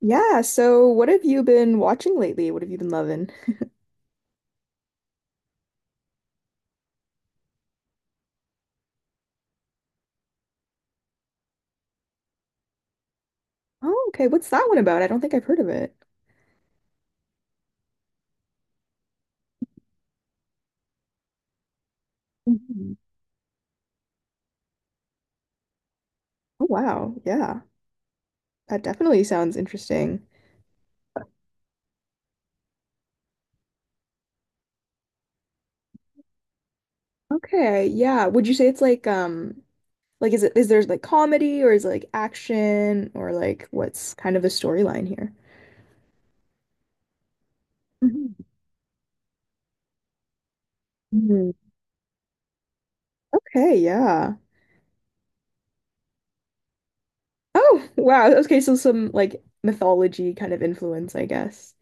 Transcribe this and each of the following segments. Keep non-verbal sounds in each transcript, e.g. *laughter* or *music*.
Yeah, so what have you been watching lately? What have you been loving? Oh, okay. What's that one about? I don't think I've heard of it. Mhm. Oh, wow. Yeah. That definitely sounds interesting. Okay. Yeah. Would you say it's like is there like comedy or is it like action or like what's kind of the storyline here? Mhm. Mhm. Okay, yeah. Oh, wow. Okay, so some like mythology kind of influence, I guess.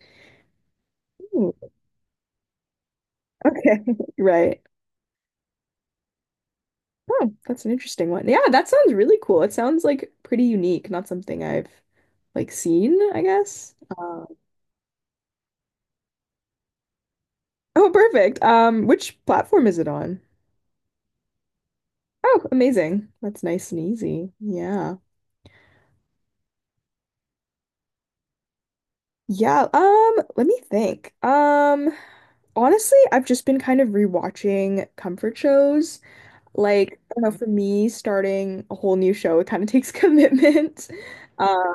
Ooh, okay. *laughs* Right. Oh, that's an interesting one. Yeah, that sounds really cool. It sounds like pretty unique, not something I've like seen, I guess. Oh, perfect. Which platform is it on? Oh, amazing. That's nice and easy. Yeah. Yeah, let me think. Honestly, I've just been kind of rewatching comfort shows. Like, I don't know, for me, starting a whole new show, it kind of takes *laughs* commitment. Um,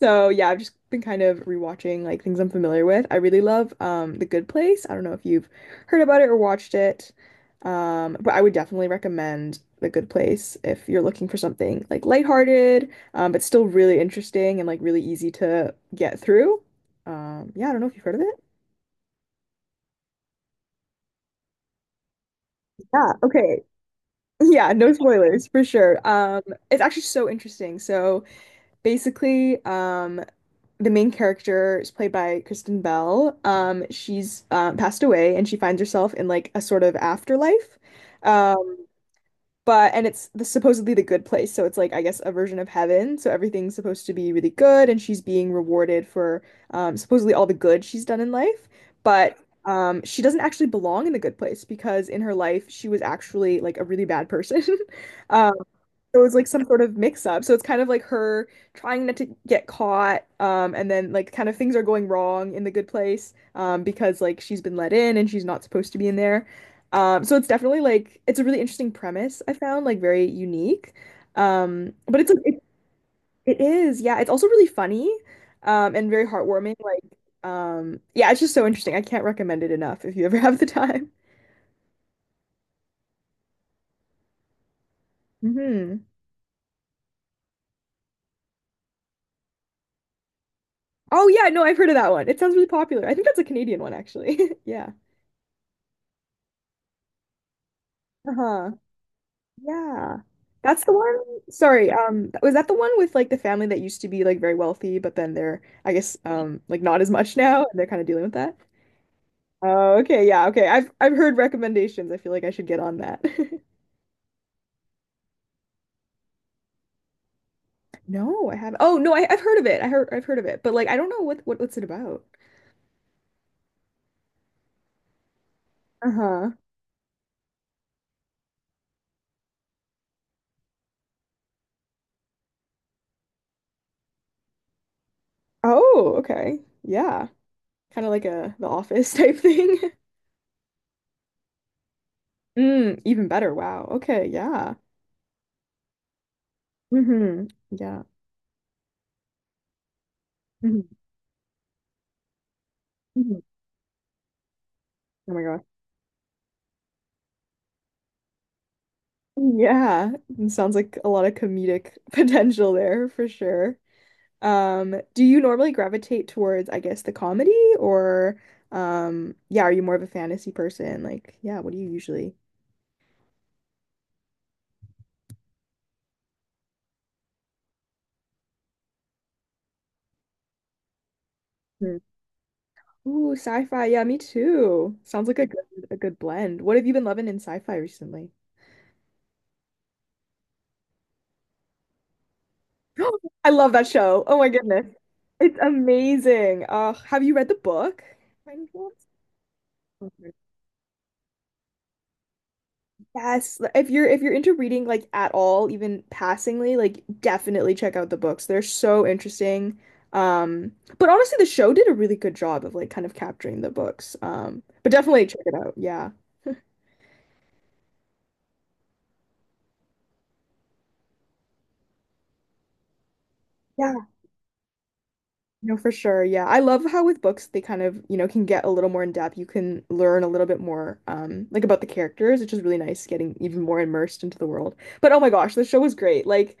So yeah, I've just been kind of rewatching like things I'm familiar with. I really love The Good Place. I don't know if you've heard about it or watched it. But I would definitely recommend The Good Place if you're looking for something like lighthearted, but still really interesting and like really easy to get through. Yeah, I don't know if you've heard of it. Yeah, okay. *laughs* Yeah, no spoilers for sure. It's actually so interesting. So basically, the main character is played by Kristen Bell. She's passed away and she finds herself in like a sort of afterlife. Um, but and it's the, supposedly the good place, so it's like I guess a version of heaven. So everything's supposed to be really good, and she's being rewarded for supposedly all the good she's done in life. But she doesn't actually belong in the good place because in her life she was actually like a really bad person. *laughs* Um, it was like some sort of mix up. So it's kind of like her trying not to get caught, and then like kind of things are going wrong in the good place, because like she's been let in and she's not supposed to be in there. So it's definitely like it's a really interesting premise I found, like very unique. But it's like, it is, yeah, it's also really funny, and very heartwarming. Like, yeah, it's just so interesting. I can't recommend it enough if you ever *laughs* have the time. Hmm. Oh yeah, no, I've heard of that one. It sounds really popular. I think that's a Canadian one actually. *laughs* Yeah. Uh-huh. Yeah. That's the one. Sorry, was that the one with like the family that used to be like very wealthy, but then they're, I guess, like not as much *laughs* now, and they're kind of dealing with that? Oh, okay, yeah, okay. I've heard recommendations. I feel like I should get on that. *laughs* No, I haven't. Oh, no, I've heard of it. I've heard of it, but like I don't know what's it about. Uh-huh. Oh, okay. Yeah. Kind of like a The Office *laughs* type thing. Mm, even better. Wow. Okay, yeah. Mm-hmm. Yeah. Hmm. Hmm. Oh my gosh. Yeah, it sounds like a lot of comedic *laughs* potential there for sure. Do you normally gravitate towards, I guess, the comedy or yeah, are you more of a fantasy person? Like, yeah, what do you usually? Hmm. Ooh, sci-fi. Yeah, me too. Sounds like a good blend. What have you been loving in sci-fi recently? *gasps* I love that show. Oh my goodness. It's amazing. Have you read the book? By any chance? Yes, if you're into reading like at all, even passingly, like definitely check out the books. They're so interesting. Um, but honestly, the show did a really good job of like kind of capturing the books. But definitely check it out. Yeah. Yeah. No, for sure. Yeah. I love how with books they kind of, you know, can get a little more in depth. You can learn a little bit more like about the characters, which is really nice getting even more immersed into the world. But oh my gosh, the show was great. Like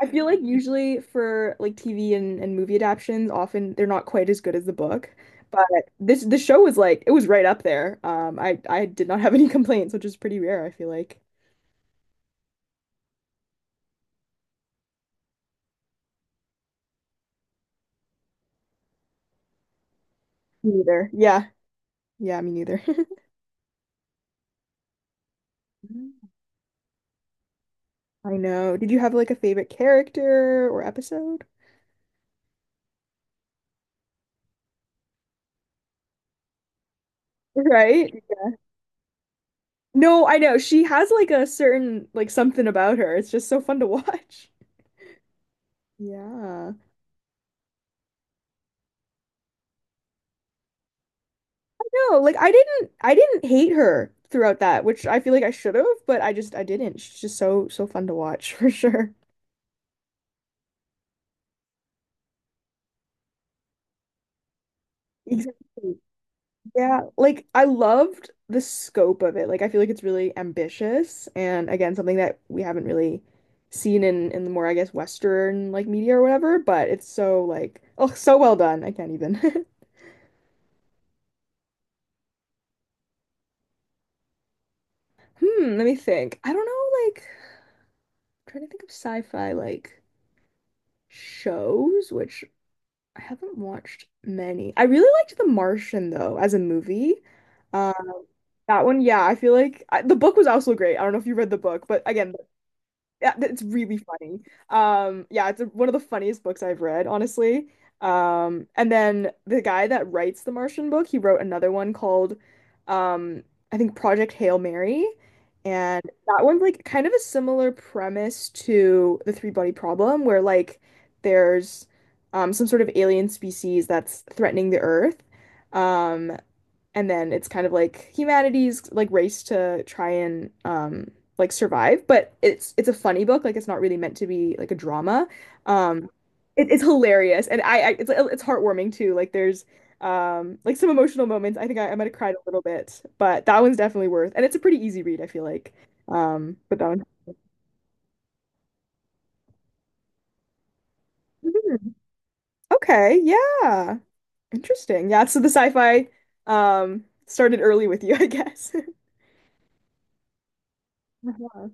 I feel like usually for like TV and movie adaptions, often they're not quite as good as the book. But this the show was like it was right up there. I did not have *laughs* any complaints, which is pretty rare, I feel like. Me neither. Yeah. Yeah, me neither. *laughs* Mhm. I know. Did you have like a favorite character or episode? Right? No, I know. She has like a certain like something about her. It's just so fun to *laughs* watch. Yeah. No, like I didn't hate her throughout that, which I feel like I should have, but I didn't. She's just so so fun to watch *laughs* for sure. Exactly. Yeah, like I loved the scope of it. Like I feel like it's really ambitious and again something that we haven't really seen in the more I guess Western like media or whatever, but it's so like oh so well done. I can't even. *laughs* Hmm, let me think. I don't know like I'm trying to think of sci-fi like shows which I haven't watched many. I really liked The Martian though as a movie. Uh, that one, yeah, I feel like I, the book was also great. I don't know if you read the book, but again, yeah, it's really funny. Yeah, it's a, one of the funniest books I've read, honestly. And then the guy that writes the Martian book, he wrote another one called, um, I think Project Hail Mary, and that one's like kind of a similar premise to the Three Body Problem, where like there's some sort of alien species that's threatening the Earth, um, and then it's kind of like humanity's like race to try and like survive, but it's a funny book, like it's not really meant to be like a drama, um it, it's hilarious, and I it's heartwarming too, like there's like some emotional moments. I think I might have cried a little bit, but that one's definitely worth, and it's a pretty easy read, I feel like, but that one. Mhm. Okay, yeah, interesting. Yeah, so the sci-fi started early with you, I guess. *laughs*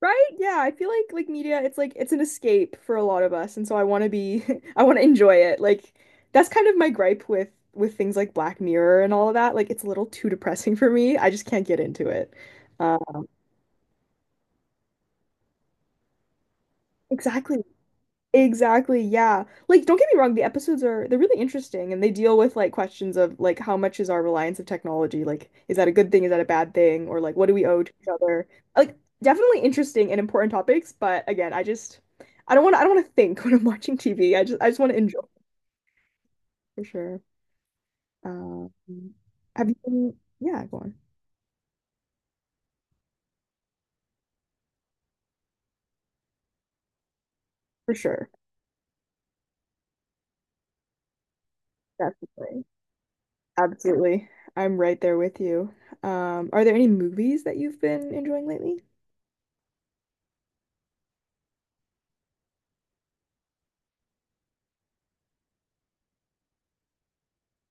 Right? Yeah, I feel like media, it's like it's an escape for a lot of us, and so I want to be *laughs* I want to enjoy it. Like that's kind of my gripe with things like Black Mirror and all of that. Like it's a little too depressing for me. I just can't get into it. Uh, exactly. Exactly, yeah. Like, don't get me wrong, the episodes are they're really interesting and they deal with like questions of like how much is our reliance of technology? Like, is that a good thing? Is that a bad thing? Or like what do we owe to each other? Like, definitely interesting and important topics, but again, I just I don't want to think *laughs* when I'm watching TV. I just want to enjoy for sure. Um, have you been, yeah, go on. For sure. Definitely. Absolutely. I'm right there with you. Are there any movies that you've been enjoying lately?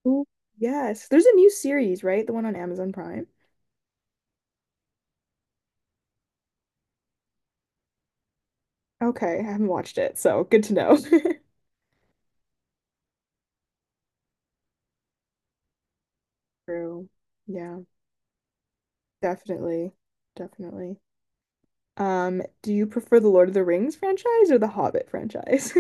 Ooh, yes. There's a new series, right? The one on Amazon Prime. Okay, I haven't watched it, so good to know. *laughs* True. Yeah, definitely. Definitely. Do you prefer the Lord of the Rings franchise or the Hobbit franchise?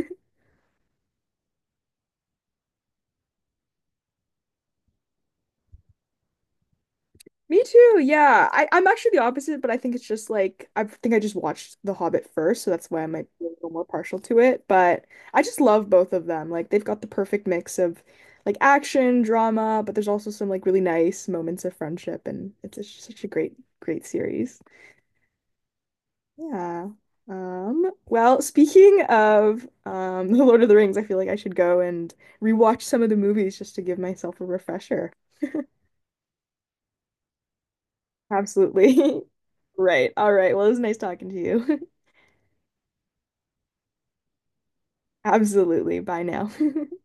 Me too. Yeah. I'm actually the opposite, but I think it's just like I think I just watched The Hobbit first, so that's why I might be a little more partial to it. But I just love both of them. Like they've got the perfect mix of like action, drama, but there's also some like really nice moments of friendship, and it's just such a great, great series. Yeah. Well, speaking of *laughs* The Lord of the Rings, I feel like I should go and rewatch some of the movies just to give myself a refresher. Absolutely. *laughs* Right. All right. Well, it was nice talking to you. *laughs* Absolutely. Bye now. *laughs*